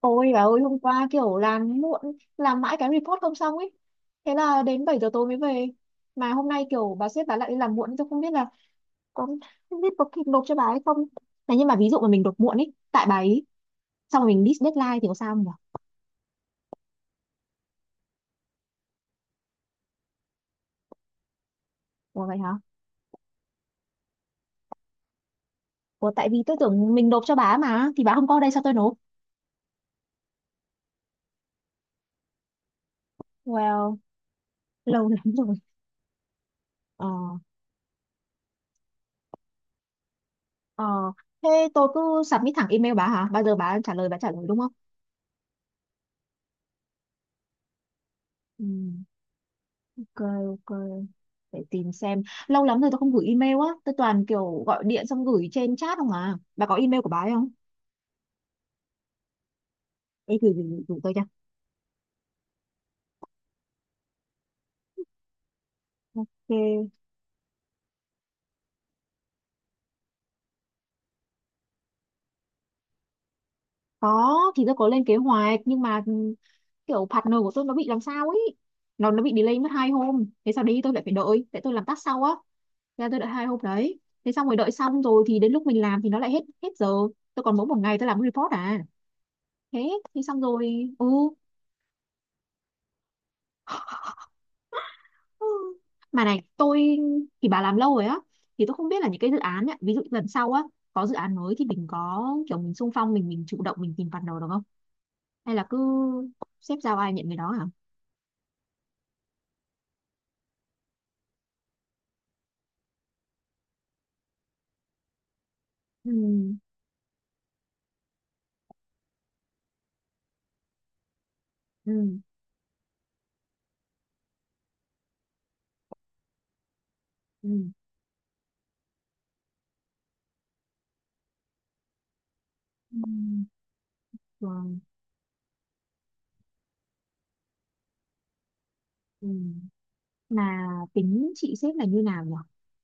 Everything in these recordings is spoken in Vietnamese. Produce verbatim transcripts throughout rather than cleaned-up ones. Ôi bà ơi, hôm qua kiểu làm muộn, làm mãi cái report không xong ấy, thế là đến bảy giờ tối mới về. Mà hôm nay kiểu bà sếp bà lại đi làm muộn, tôi không biết là có, không biết có kịp nộp cho bà hay không. Này, nhưng mà ví dụ mà mình nộp muộn ấy tại bà ấy, xong rồi mình miss deadline thì có sao không nhỉ? Ủa vậy hả? Ủa tại vì tôi tưởng mình nộp cho bà ấy mà, thì bà không có ở đây sao tôi nộp. Well, lâu lắm rồi. Ờ. Ờ, thế tôi cứ submit thẳng email bà hả, bao giờ bà trả lời bà trả lời đúng không? Ừ. Ok. Ok, để tìm xem, lâu lắm rồi tôi không gửi email á, tôi toàn kiểu gọi điện xong gửi trên chat không à. Bà có email của bà ấy không? Ê, gửi, gửi, gửi tôi cho. Ok. Có, thì tôi có lên kế hoạch nhưng mà ừ, kiểu partner của tôi nó bị làm sao ấy, nó nó bị delay mất hai hôm, thế sao đi tôi lại phải đợi tại tôi làm task sau á, thế là tôi đợi hai hôm đấy. Thế xong rồi, đợi xong rồi thì đến lúc mình làm thì nó lại hết hết giờ, tôi còn mỗi một ngày tôi làm report à, thế thì xong rồi. Ừ. Ừ. Mà này, tôi, thì bà làm lâu rồi á, thì tôi không biết là những cái dự án ấy, ví dụ lần sau á, có dự án mới thì mình có kiểu mình xung phong mình mình chủ động mình tìm partner được không? Hay là cứ xếp giao ai nhận người đó hả? Ừ, ừ, ừ, ừ, rồi, ừ. Mà tính chị xếp là như nào nhỉ?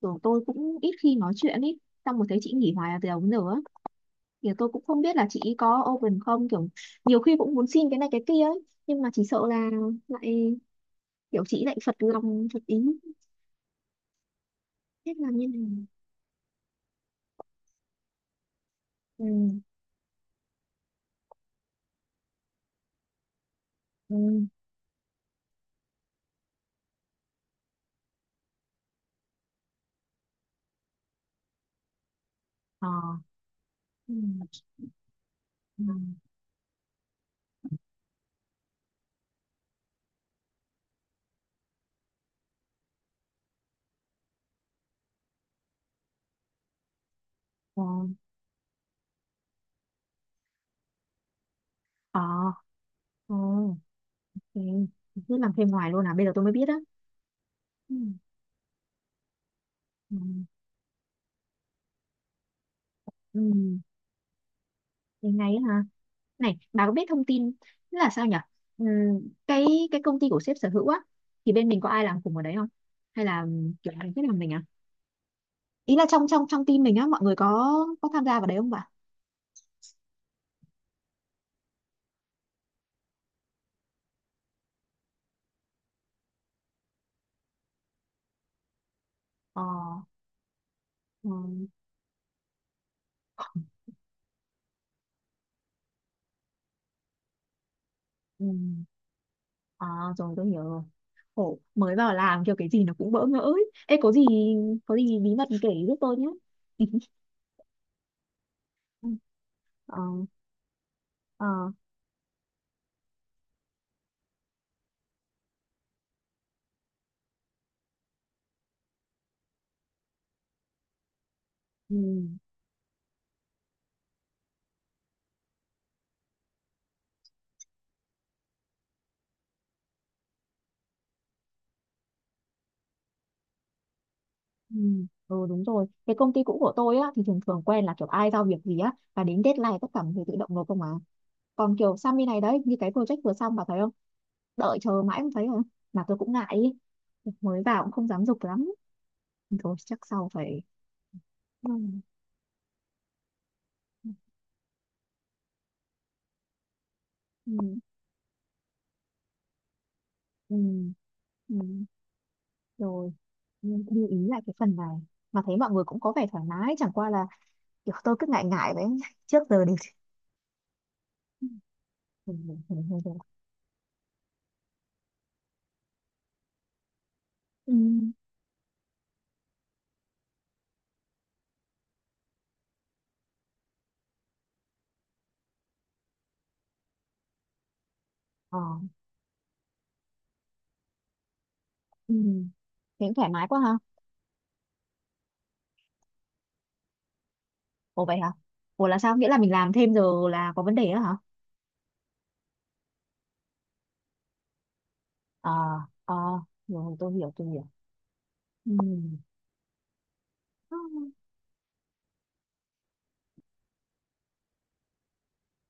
Kiểu tôi cũng ít khi nói chuyện ý, xong một thấy chị nghỉ hoài từ đầu đến giờ á, thì tôi cũng không biết là chị có open không, kiểu nhiều khi cũng muốn xin cái này cái kia ấy, nhưng mà chỉ sợ là lại kiểu chị lại phật lòng phật ý hết là như này. Ừ. Ừ. Ờ. Ừ. Ừ. Ờ. Ờ. Ờ. Ok, cứ làm thêm ngoài luôn à, bây giờ tôi mới biết á. Ừ. Ừ. Ừ, thế ngay á hả? Này bà có biết thông tin, tức là sao nhỉ, ừ, cái cái công ty của sếp sở hữu á thì bên mình có ai làm cùng ở đấy không, hay là kiểu ai biết làm mình à, ý là trong trong trong team mình á mọi người có có tham gia vào đấy không bà? Ờ. Ừ. Ừ. À, rồi tôi hiểu rồi. Khổ, mới vào làm kiểu cái gì nó cũng bỡ ngỡ ấy. Ê, có gì, có gì bí mật kể giúp tôi nhé. Ừ. Ờ. Ờ. Ừ. Ừ. Ừ đúng rồi. Cái công ty cũ của tôi á thì thường thường quen là kiểu ai giao việc gì á và đến deadline tất cả mọi người tự động nộp không à. Còn kiểu sang bên này đấy như cái project vừa xong bà thấy không? Đợi chờ mãi không thấy rồi. Mà tôi cũng ngại ý. Mới vào cũng không dám giục lắm. Thôi chắc sau phải ừ, ừ, ừ, ừ. Ừ, ừ. Rồi. Ừ, lưu ý lại cái phần này, mà thấy mọi người cũng có vẻ thoải mái, chẳng qua là kiểu tôi cứ ngại ngại đấy trước giờ đều ừ, ừ, ừ, ừ, ừ. Ừ, ờ, ừ. Thế cũng thoải mái quá ha. Ủa vậy hả? Ủa là sao, nghĩa là mình làm thêm giờ là có vấn đề đó hả? Ờ. Ờ, rồi tôi hiểu tôi hiểu. Ừ. Ừ.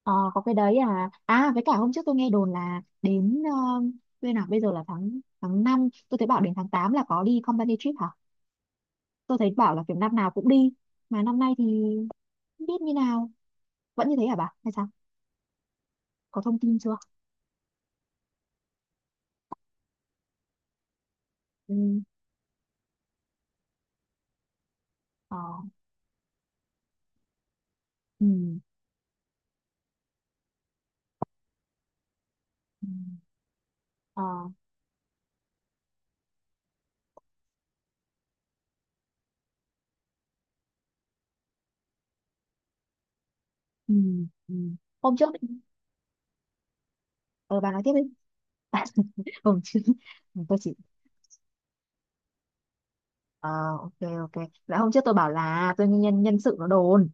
Ờ có cái đấy. À à, với cả hôm trước tôi nghe đồn là đến ờ, bên nào bây giờ là tháng tháng năm, tôi thấy bảo đến tháng tám là có đi company trip hả? Tôi thấy bảo là kiểu năm nào cũng đi, mà năm nay thì không biết như nào, vẫn như thế hả bà hay sao, có thông tin chưa? Ừ. Ờ. Ừ. Ừ. Ờ. Ừ. Ừ. Hôm trước, ờ bà nói tiếp đi. Hôm trước tôi chỉ, ờ, ok, ok, là hôm trước tôi bảo là tôi nhân nhân sự nó đồn,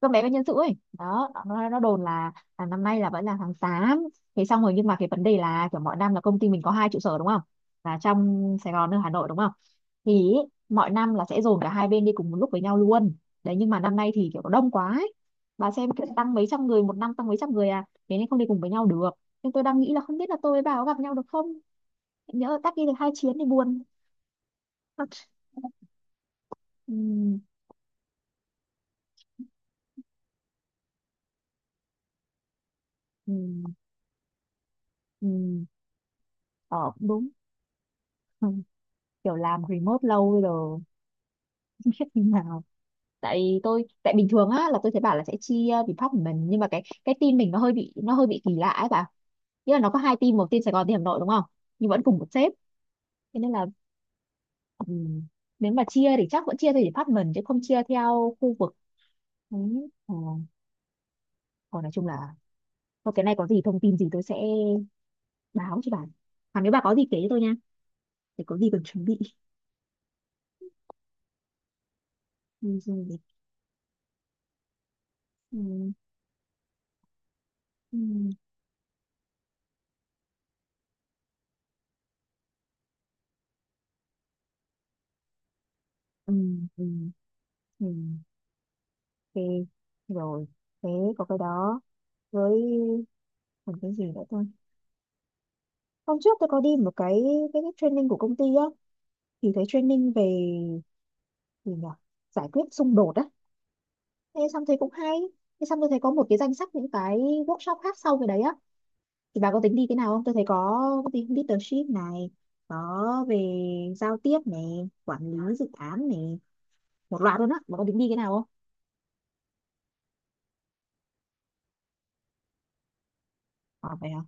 con bé bên nhân sự ấy đó nó, nó đồn là, là năm nay là vẫn là tháng tám. Thế xong rồi nhưng mà cái vấn đề là kiểu mọi năm là công ty mình có hai trụ sở đúng không, là trong Sài Gòn ở Hà Nội đúng không, thì ý, mọi năm là sẽ dồn cả hai bên đi cùng một lúc với nhau luôn. Đấy, nhưng mà năm nay thì kiểu nó đông quá ấy. Bà xem kiểu tăng mấy trăm người, một năm tăng mấy trăm người à, thế nên không đi cùng với nhau được. Nhưng tôi đang nghĩ là không biết là tôi với bà có gặp nhau được không, nhỡ tắc đi được hai chuyến thì buồn. Ừ, ừ, ừ. Ờ cũng đúng. Ừ, kiểu làm remote lâu rồi, khi nào, tại tôi, tại bình thường á là tôi thấy bảo là sẽ chia department, nhưng mà cái cái team mình nó hơi bị, nó hơi bị kỳ lạ ấy bà, nghĩa là nó có hai team, một team Sài Gòn, team Hà Nội đúng không, nhưng vẫn cùng một sếp, thế nên là ừm, nếu mà chia thì chắc vẫn chia theo department chứ không chia theo khu vực. Đấy. Ờ, còn nói chung là thôi cái này có gì thông tin gì tôi sẽ báo cho bà, còn nếu bà có gì kể cho tôi nha, để có gì cần chuẩn bị đi du lịch. Ừ, ừ, ừ, ừ, ừ. Ừ, ok, rồi, thế có cái đó, với còn cái gì nữa ta. Hôm trước tôi có đi một cái, cái, cái training của công ty á, thì thấy training về gì nhỉ, giải quyết xung đột á, thế xong thấy cũng hay. Thế xong tôi thấy có một cái danh sách những cái workshop khác sau cái đấy á, thì bà có tính đi cái nào không, tôi thấy có cái leadership này, có về giao tiếp này, quản lý dự án này, một loạt luôn á, bà có tính đi cái nào? Không à vậy hả?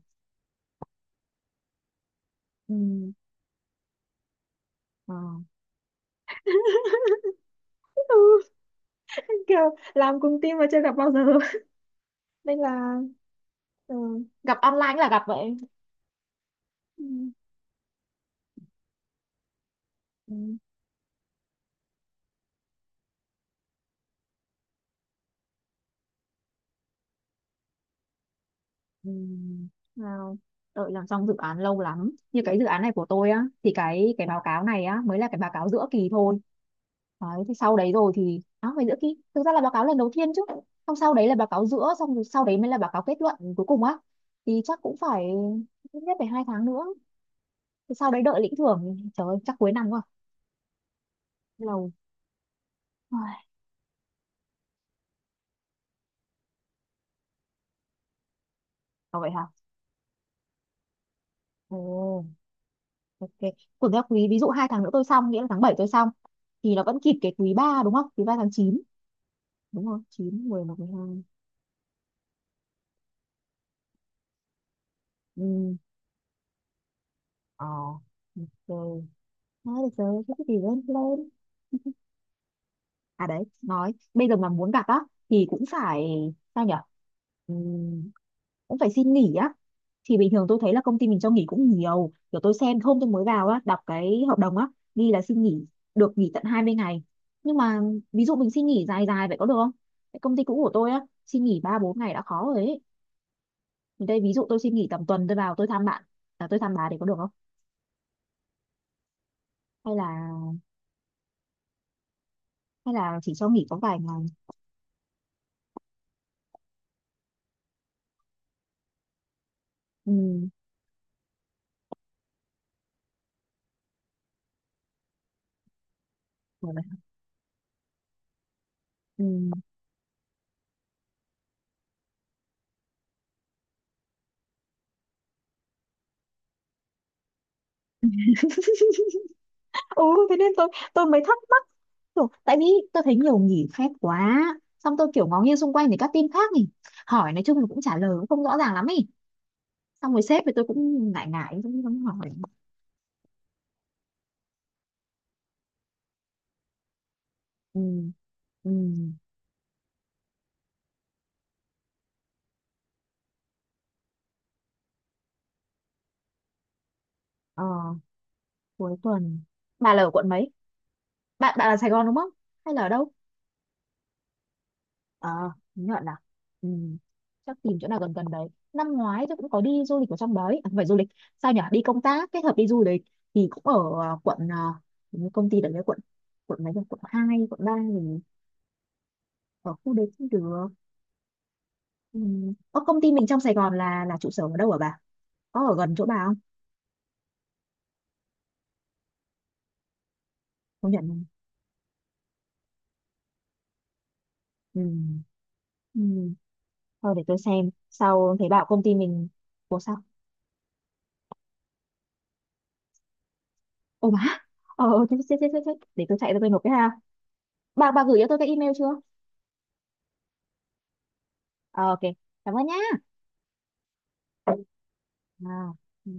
Ừ. Ờ. Ừ, kiểu làm cùng team mà chưa gặp bao giờ nên là ừ, gặp online là gặp vậy. Ừ. Ừ. Ừ. Nào, đợi làm xong dự án lâu lắm. Như cái dự án này của tôi á, thì cái cái báo cáo này á mới là cái báo cáo giữa kỳ thôi. Đấy, thì sau đấy rồi thì à, phải giữa kỳ. Thực ra là báo cáo lần đầu tiên chứ. Xong sau đấy là báo cáo giữa, xong rồi sau đấy mới là báo cáo kết luận cuối cùng á. Thì chắc cũng phải ít nhất phải hai tháng nữa. Thì sau đấy đợi lĩnh thưởng, trời ơi, chắc cuối năm rồi. Lâu. Ai. Có vậy hả? Ồ, ok. Của các quý, ví dụ hai tháng nữa tôi xong, nghĩa là tháng bảy tôi xong thì nó vẫn kịp cái quý ba, đúng không? Quý ba tháng chín, đúng không, chín mười một mười hai. Ừ. Ờ. Rồi, thôi được rồi, thế thì lên lên. À đấy, nói bây giờ mà muốn gặp á thì cũng phải, sao nhở, ừm, cũng phải xin nghỉ á, thì bình thường tôi thấy là công ty mình cho nghỉ cũng nhiều, kiểu tôi xem hôm tôi mới vào á đọc cái hợp đồng á ghi là xin nghỉ, được nghỉ tận hai mươi ngày. Nhưng mà ví dụ mình xin nghỉ dài dài vậy có được không? Cái công ty cũ của tôi á xin nghỉ ba bốn ngày đã khó rồi ấy. Thì đây ví dụ tôi xin nghỉ tầm tuần tôi vào tôi thăm bạn, à, tôi thăm bà thì có được không, hay là, hay là chỉ cho nghỉ có vài ngày? Ừ. Rồi. Ừ. Ừ, thế nên tôi tôi mới thắc mắc kiểu, tại vì tôi thấy nhiều nghỉ phép quá, xong tôi kiểu ngó nghiêng xung quanh thì các team khác nhỉ, hỏi nói chung là cũng trả lời cũng không rõ ràng lắm ý, xong rồi sếp thì tôi cũng ngại ngại cũng không hỏi. Ừ. Ừ. Ờ, cuối tuần bà là ở quận mấy, bạn bạn là Sài Gòn đúng không hay là ở đâu? À, Nhuận à? Ừ. Chắc tìm chỗ nào gần gần đấy. Năm ngoái tôi cũng có đi du lịch ở trong đấy. À, không phải du lịch. Sao nhỉ? Đi công tác kết hợp đi du lịch thì cũng ở à, quận à, hình như công ty đấy quận, quận mấy nhỉ? Quận hai, quận ba, mình ở khu đấy cũng được. Ừ. Ở công ty mình trong Sài Gòn là là trụ sở ở đâu hả bà? Có ở gần chỗ bà không? Không nhận không? Ừ. Ừ. Thôi để tôi xem. Sau thấy bảo công ty mình, ủa sao? Ồ má. Ờ, ờ, chết, chết, chết, chết, chết. Để tôi chạy ra tôi nộp cái ha. Bà, bà gửi cho tôi cái email chưa? Ờ, ok, cảm ơn nhá. À, ừ.